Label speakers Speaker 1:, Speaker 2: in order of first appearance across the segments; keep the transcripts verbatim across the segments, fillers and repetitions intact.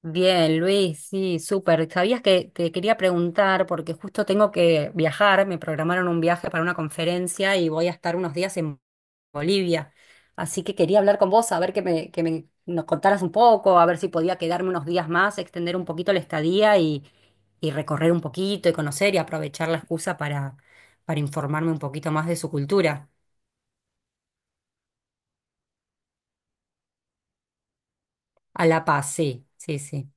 Speaker 1: Bien, Luis, sí, súper. Sabías que te quería preguntar, porque justo tengo que viajar, me programaron un viaje para una conferencia y voy a estar unos días en Bolivia. Así que quería hablar con vos, a ver que me, que me- nos contaras un poco, a ver si podía quedarme unos días más, extender un poquito la estadía y, y recorrer un poquito y conocer y aprovechar la excusa para, para informarme un poquito más de su cultura. A La Paz, sí, sí, sí.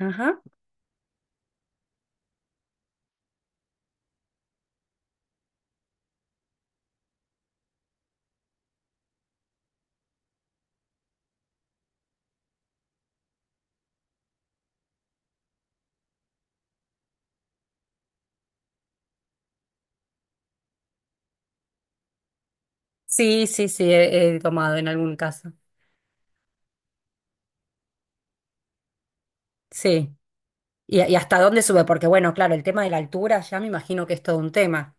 Speaker 1: Ajá. Sí, sí, sí, he he tomado en algún caso. Sí. ¿Y, y hasta dónde sube? Porque bueno, claro, el tema de la altura ya me imagino que es todo un tema.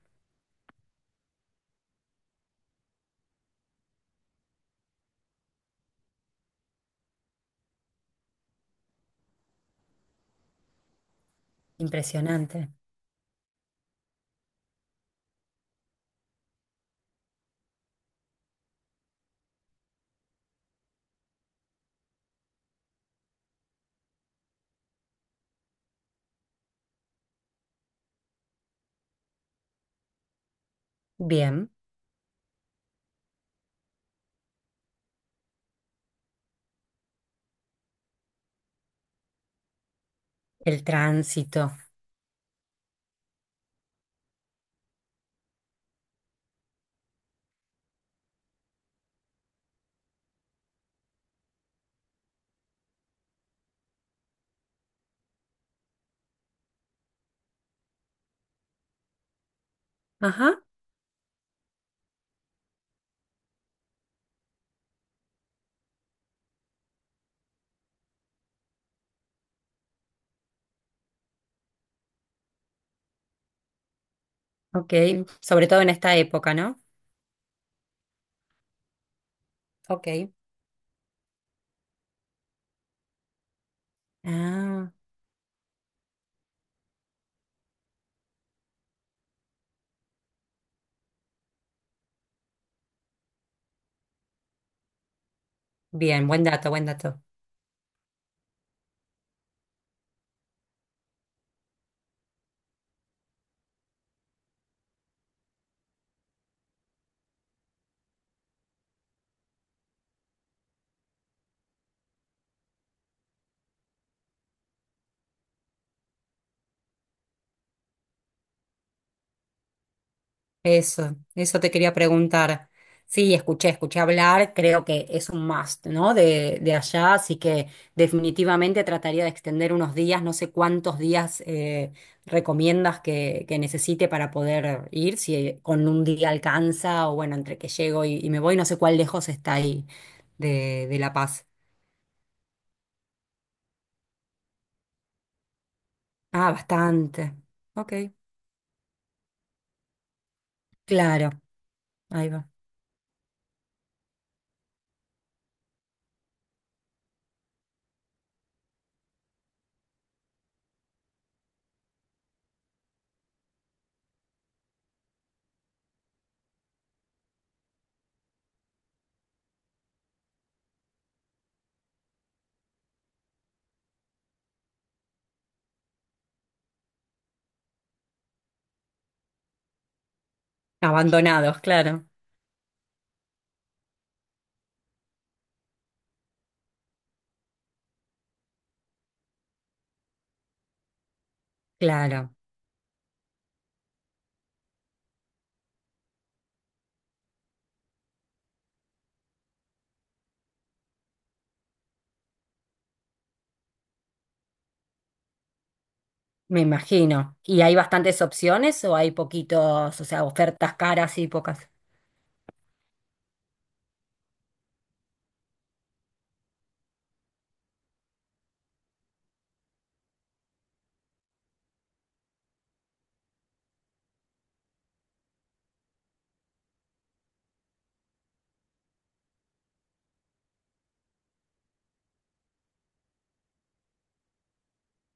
Speaker 1: Impresionante. Bien, el tránsito. Ajá, ok. Sobre todo en esta época, ¿no? Ok. Ah, bien, buen dato, buen dato. Eso, eso te quería preguntar. Sí, escuché, escuché hablar, creo que es un must, ¿no? De, de allá, así que definitivamente trataría de extender unos días, no sé cuántos días eh, recomiendas que, que necesite para poder ir, si con un día alcanza o bueno, entre que llego y, y me voy, no sé cuál lejos está ahí de, de La Paz. Ah, bastante. Ok, claro, ahí va. Abandonados, claro, claro. Me imagino. ¿Y hay bastantes opciones o hay poquitos, o sea, ofertas caras y pocas?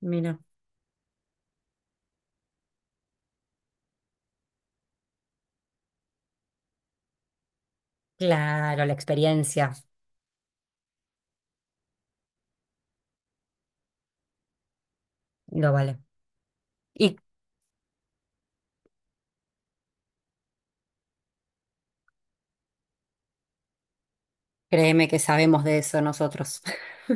Speaker 1: Mira. Claro, la experiencia lo vale. Y créeme que sabemos de eso nosotros.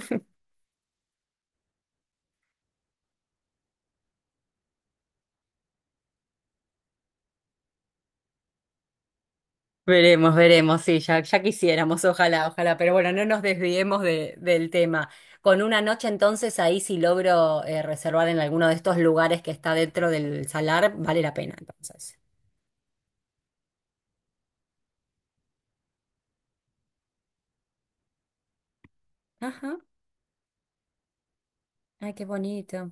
Speaker 1: Veremos, veremos, sí, ya, ya quisiéramos, ojalá, ojalá. Pero bueno, no nos desviemos de- del tema. Con una noche entonces ahí si logro eh, reservar en alguno de estos lugares que está dentro del salar, vale la pena entonces. Ajá. Ay, qué bonito.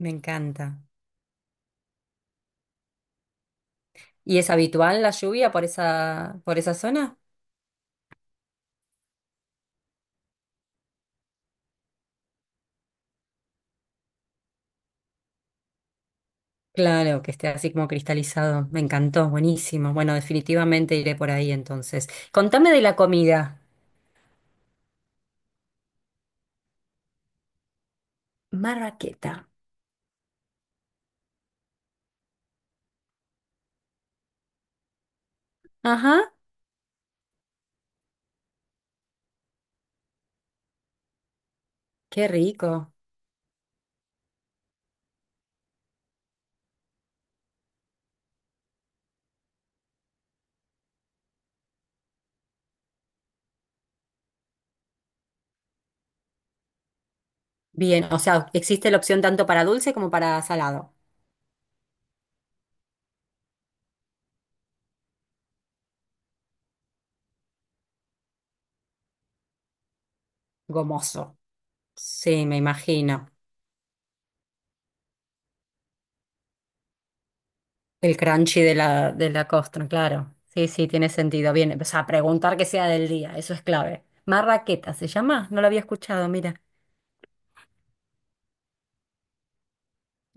Speaker 1: Me encanta. ¿Y es habitual la lluvia por esa, por esa zona? Claro, que esté así como cristalizado. Me encantó, buenísimo. Bueno, definitivamente iré por ahí entonces. Contame de la comida. Marraqueta. Ajá, qué rico. Bien, o sea, existe la opción tanto para dulce como para salado. Gomoso. Sí, me imagino. El crunchy de la, de la costra, claro. Sí, sí, tiene sentido. Bien, o sea, preguntar que sea del día, eso es clave. Marraqueta, ¿se llama? No lo había escuchado, mira.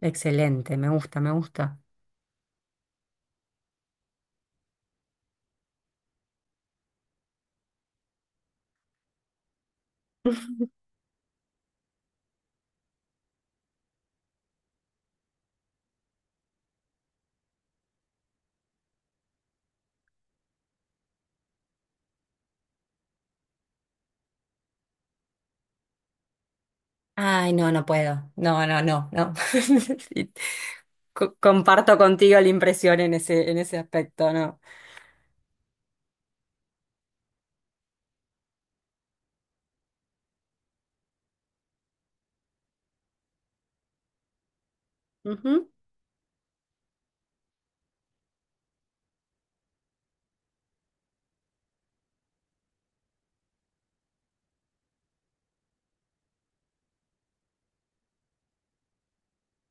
Speaker 1: Excelente, me gusta, me gusta. Ay, no, no puedo. No, no, no, no. Sí. Co- comparto contigo la impresión en ese, en ese aspecto, ¿no? Ujú.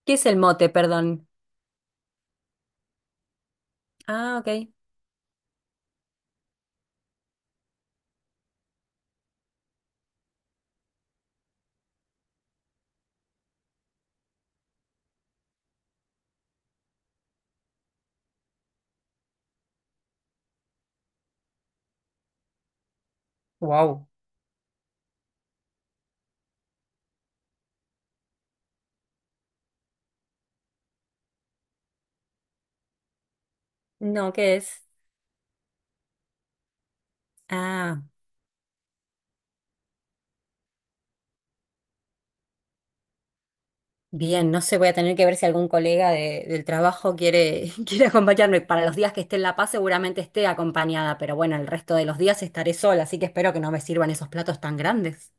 Speaker 1: ¿Qué es el mote, perdón? Ah, ok. Wow. No, ¿qué es? Ah, bien, no sé, voy a tener que ver si algún colega de- del trabajo quiere, quiere acompañarme. Para los días que esté en La Paz seguramente esté acompañada, pero bueno, el resto de los días estaré sola, así que espero que no me sirvan esos platos tan grandes.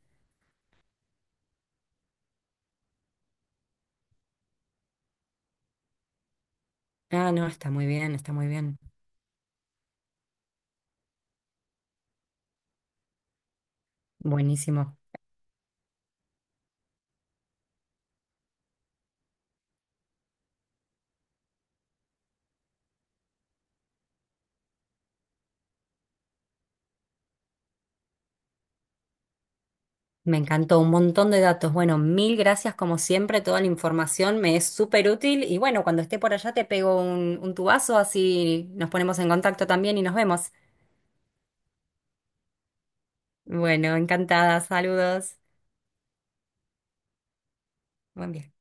Speaker 1: Ah, no, está muy bien, está muy bien. Buenísimo. Me encantó un montón de datos. Bueno, mil gracias como siempre, toda la información me es súper útil y bueno, cuando esté por allá te pego un, un tubazo, así nos ponemos en contacto también y nos vemos. Bueno, encantada, saludos. Buen viaje.